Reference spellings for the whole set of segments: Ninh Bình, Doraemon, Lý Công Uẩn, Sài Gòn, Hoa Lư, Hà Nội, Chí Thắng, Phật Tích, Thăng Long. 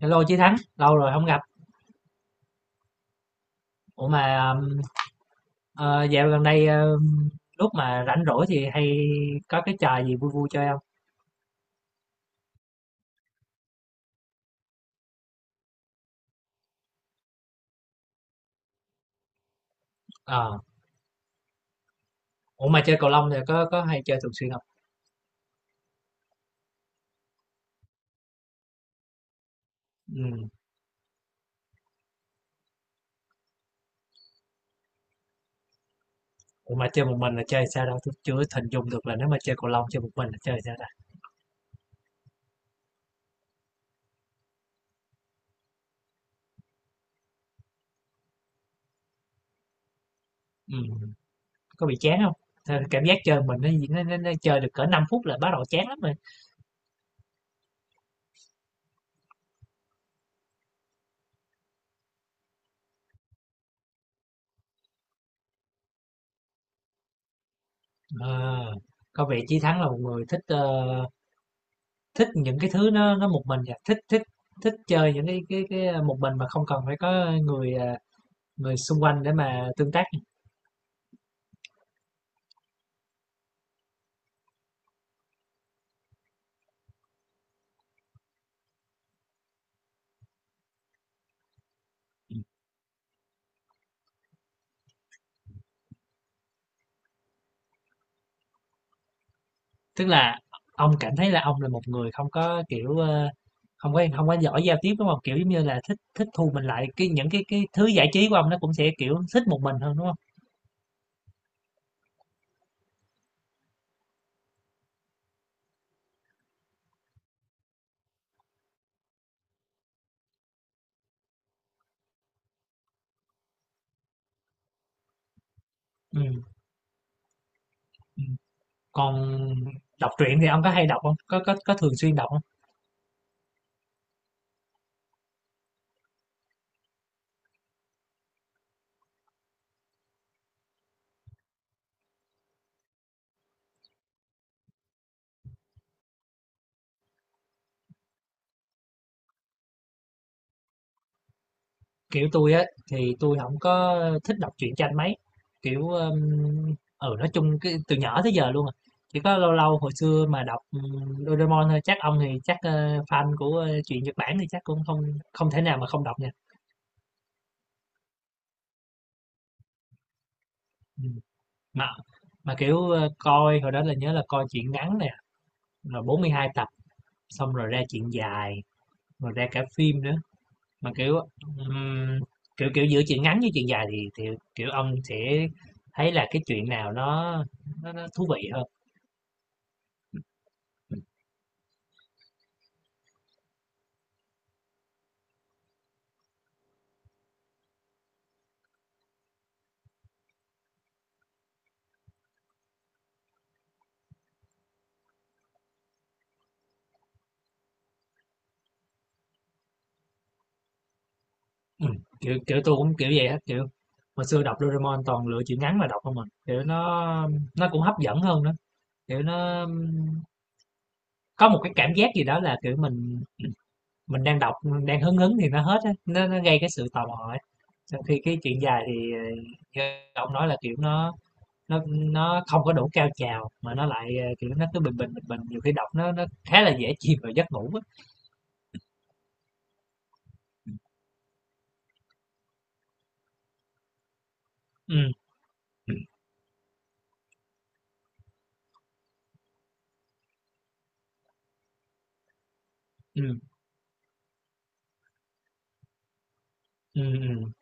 Hello Chí Thắng, lâu rồi không gặp. Ủa mà dạo gần đây lúc mà rảnh rỗi thì hay có cái trò gì vui vui chơi không? Ờ. Ủa mà chơi cầu lông thì có hay chơi thường xuyên không? Ừ. Ủa mà chơi một mình là chơi sao đâu? Tôi chưa hình dung được là nếu mà chơi cầu lông chơi một mình là chơi sao ta? Ừ. Có bị chán không? Thế, cảm giác chơi mình, nó chơi được cỡ 5 phút là bắt đầu chán lắm rồi. Ờ. Có vẻ Chí Thắng là một người thích thích những cái thứ nó một mình à, thích thích thích chơi những cái à, một mình mà không cần phải có người xung quanh để mà tương tác. Tức là ông cảm thấy là ông là một người không có kiểu không có giỏi giao tiếp, đúng không, kiểu giống như là thích thích thu mình lại, cái những cái thứ giải trí của ông nó cũng sẽ kiểu thích một mình hơn, đúng không? Ừ. Ừ. Còn đọc truyện thì ông có hay đọc không, có thường xuyên đọc? Kiểu, tôi á, thì tôi không có thích đọc truyện tranh mấy, kiểu, ừ, nói chung cái từ nhỏ tới giờ luôn à, chỉ có lâu lâu hồi xưa mà đọc, Doraemon thôi, chắc ông thì chắc, ơ, fan của, ơ, truyện Nhật Bản thì chắc cũng không không thể nào mà không đọc nha. Ừm, mà mà, kiểu, ơ, coi hồi đó là nhớ là coi truyện ngắn nè, rồi 42 tập, xong rồi ra truyện dài, rồi ra cả phim nữa. Mà, kiểu, ừm, kiểu, giữa chuyện ngắn với chuyện dài thì, kiểu, ông sẽ thấy là cái chuyện nào nó thú vị hơn? Ừm, kiểu, tôi cũng kiểu vậy á, kiểu, hồi xưa đọc Doraemon toàn lựa chuyện ngắn mà đọc không, mình kiểu, nó cũng hấp dẫn hơn nữa, kiểu, nó có một cái cảm giác gì đó là, kiểu, mình đang đọc, mình đang hứng hứng thì nó hết á, nó gây cái sự tò mò ấy. Trong khi cái chuyện dài thì, ờ, như ông nói là, kiểu, nó không có đủ cao trào mà nó lại, ờ, kiểu, nó cứ bình bình, bình bình, nhiều khi đọc nó khá là dễ chìm vào giấc ngủ á. Ừm. Ừm. Ừm, ừm.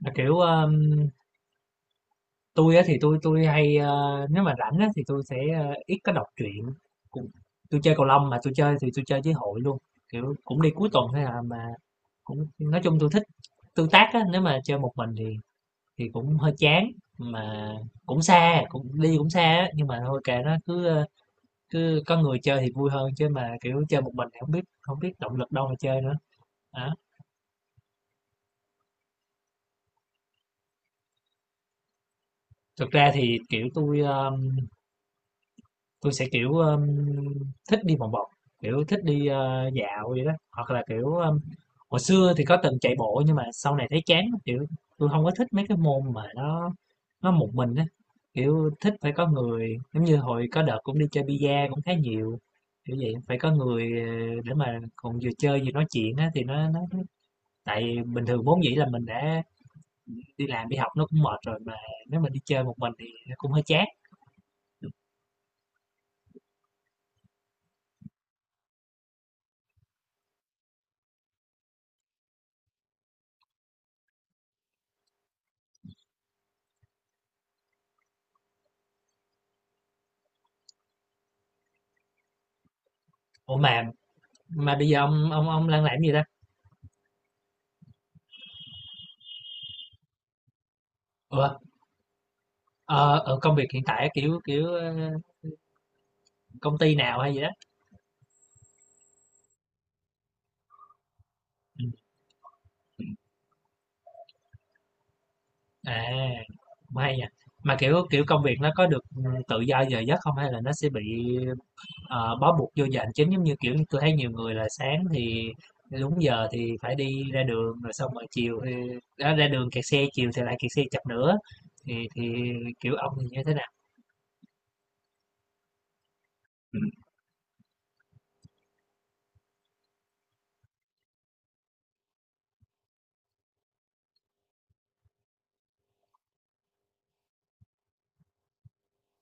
Mà, kiểu, tui á thì tôi hay, ơ, nếu mà rảnh á thì tôi sẽ, ơ, ít có đọc truyện, cũng tôi chơi cầu lông mà tôi chơi thì tôi chơi với hội luôn, kiểu, cũng đi cuối tuần thôi là mà cũng nói chung tôi thích tương tác á, nếu mà chơi một mình thì cũng hơi chán, mà cũng xa, cũng đi cũng xa á, nhưng mà thôi kệ nó, cứ có người chơi thì vui hơn chứ mà, kiểu, chơi một mình thì hổng biết không biết động lực đâu mà chơi nữa, á. Thực ra thì, kiểu, tôi tui sẽ, kiểu, thích đi vòng vòng, kiểu, thích đi, dạo vậy đó, hoặc là, kiểu, hồi xưa thì có từng chạy bộ nhưng mà sau này thấy chán lắm, kiểu, tôi không có thích mấy cái môn mà nó một mình á, kiểu, thích phải có người. Giống như hồi có đợt cũng đi chơi bi-a cũng khá nhiều, kiểu vậy, phải có người, để mà còn vừa chơi vừa nói chuyện á thì nó tại bình thường vốn dĩ là mình đã đi làm đi học nó cũng mệt rồi, mà nếu mà đi chơi một mình thì nó cũng hơi chán. Ủa mà bây giờ ông đang làm gì ta? Ủa, ờ, công việc hiện tại kiểu kiểu công ty nào hay gì đó? Ừm, à, cũng hay nha. Mà kiểu kiểu công việc nó có được tự do giờ giấc không hay là nó sẽ bị ờ, bó buộc vô giờ hành chính giống như kiểu tôi thấy nhiều người là sáng thì đúng giờ thì phải đi ra đường rồi xong rồi chiều thì đó, ra đường kẹt xe, chiều thì lại kẹt xe chập nữa thì kiểu ông thì như thế nào?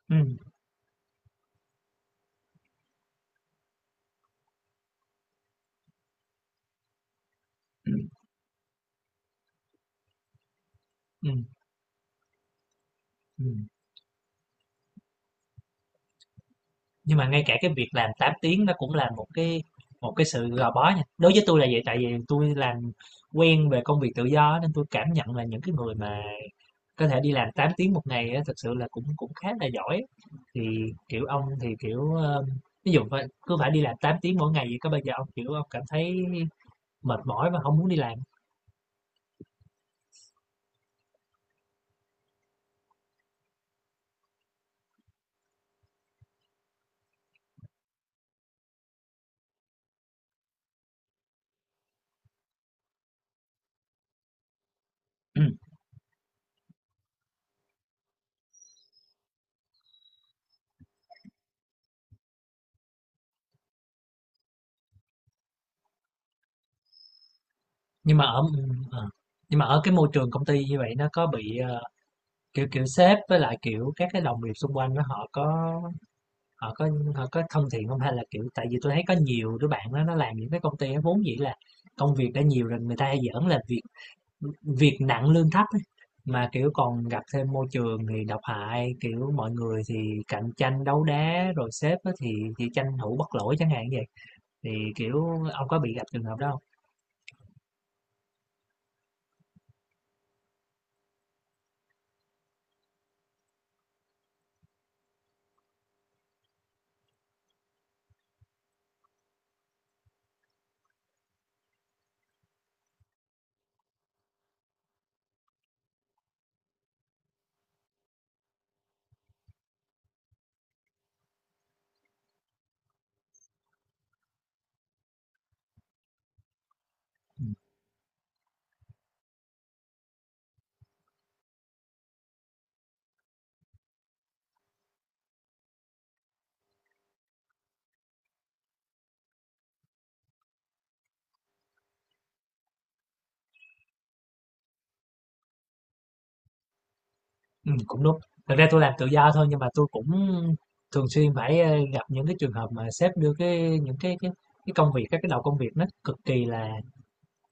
Ừ. Ừm. Ừm, ừm. Nhưng mà ngay cả cái việc làm 8 tiếng nó cũng là một cái sự gò bó nha. Đối với tôi là vậy, tại vì tôi làm quen về công việc tự do, nên tôi cảm nhận là những cái người mà có thể đi làm 8 tiếng một ngày á, thực sự là cũng cũng khá là giỏi. Thì, kiểu, ông thì, kiểu, ví dụ cứ phải đi làm 8 tiếng mỗi ngày vậy, có bao giờ ông, kiểu, ông cảm thấy mệt mỏi và không muốn đi làm? Nhưng mà ở ờ, cái môi trường công ty như vậy, nó có bị, kiểu kiểu, sếp với lại, kiểu, các cái đồng nghiệp xung quanh, nó họ Họ có có thân thiện không? Hay là, kiểu tại vì tôi thấy có nhiều đứa bạn á, nó làm những cái công ty á, vốn dĩ là công việc đã nhiều rồi, người ta hay giỡn là việc việc nặng lương thấp ấy, mà, kiểu, còn gặp thêm môi trường thì độc hại, kiểu, mọi người thì cạnh tranh đấu đá, rồi sếp á thì tranh thủ bất lỗi chẳng hạn vậy. Thì, kiểu, ông có bị gặp trường hợp đó hông? Ừm. Ừm, cũng đúng. Thực ra tôi làm tự do thôi nhưng mà tôi cũng thường xuyên phải, gặp những cái trường hợp mà sếp đưa cái những cái công việc, các cái đầu công việc nó cực kỳ là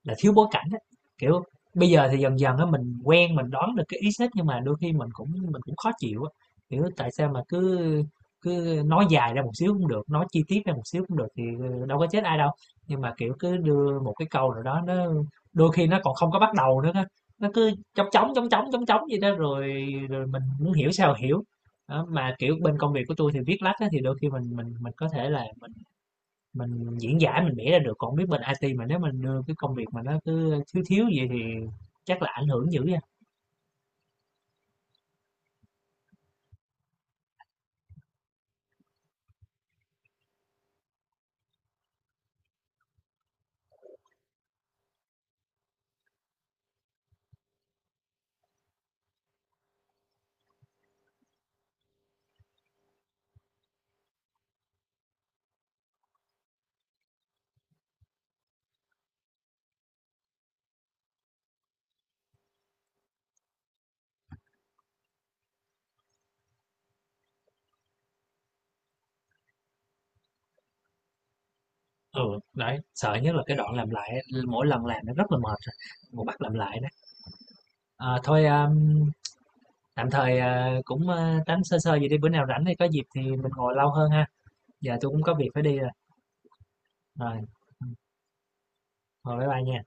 là thiếu bối cảnh á. Kiểu, bây giờ thì dần dần á mình quen, mình đoán được cái ý sách, nhưng mà đôi khi mình cũng khó chịu á. Kiểu, tại sao mà cứ cứ nói dài ra một xíu cũng được, nói chi tiết ra một xíu cũng được thì đâu có chết ai đâu. Nhưng mà, kiểu, cứ đưa một cái câu nào đó, nó đôi khi nó còn không có bắt đầu nữa á, nó cứ chóng chóng, chóng chóng, chóng chóng vậy đó, rồi rồi mình muốn hiểu sao hiểu. Đó, mà, kiểu, bên công việc của tôi thì viết lách á thì đôi khi mình có thể là mình diễn giải, mình vẽ ra được, còn không biết bên IT mà nếu mình đưa cái công việc mà nó cứ thiếu thiếu vậy thì chắc là ảnh hưởng dữ nha. Ừ, đấy sợ nhất là cái đoạn làm lại, mỗi lần làm nó rất là mệt rồi, một bắt làm lại đó. À, thôi tạm thời à, cũng à, tám sơ sơ vậy đi, bữa nào rảnh thì có dịp thì mình ngồi lâu hơn ha. Giờ tôi cũng có việc phải đi rồi rồi Ừ, thôi bye bye nha.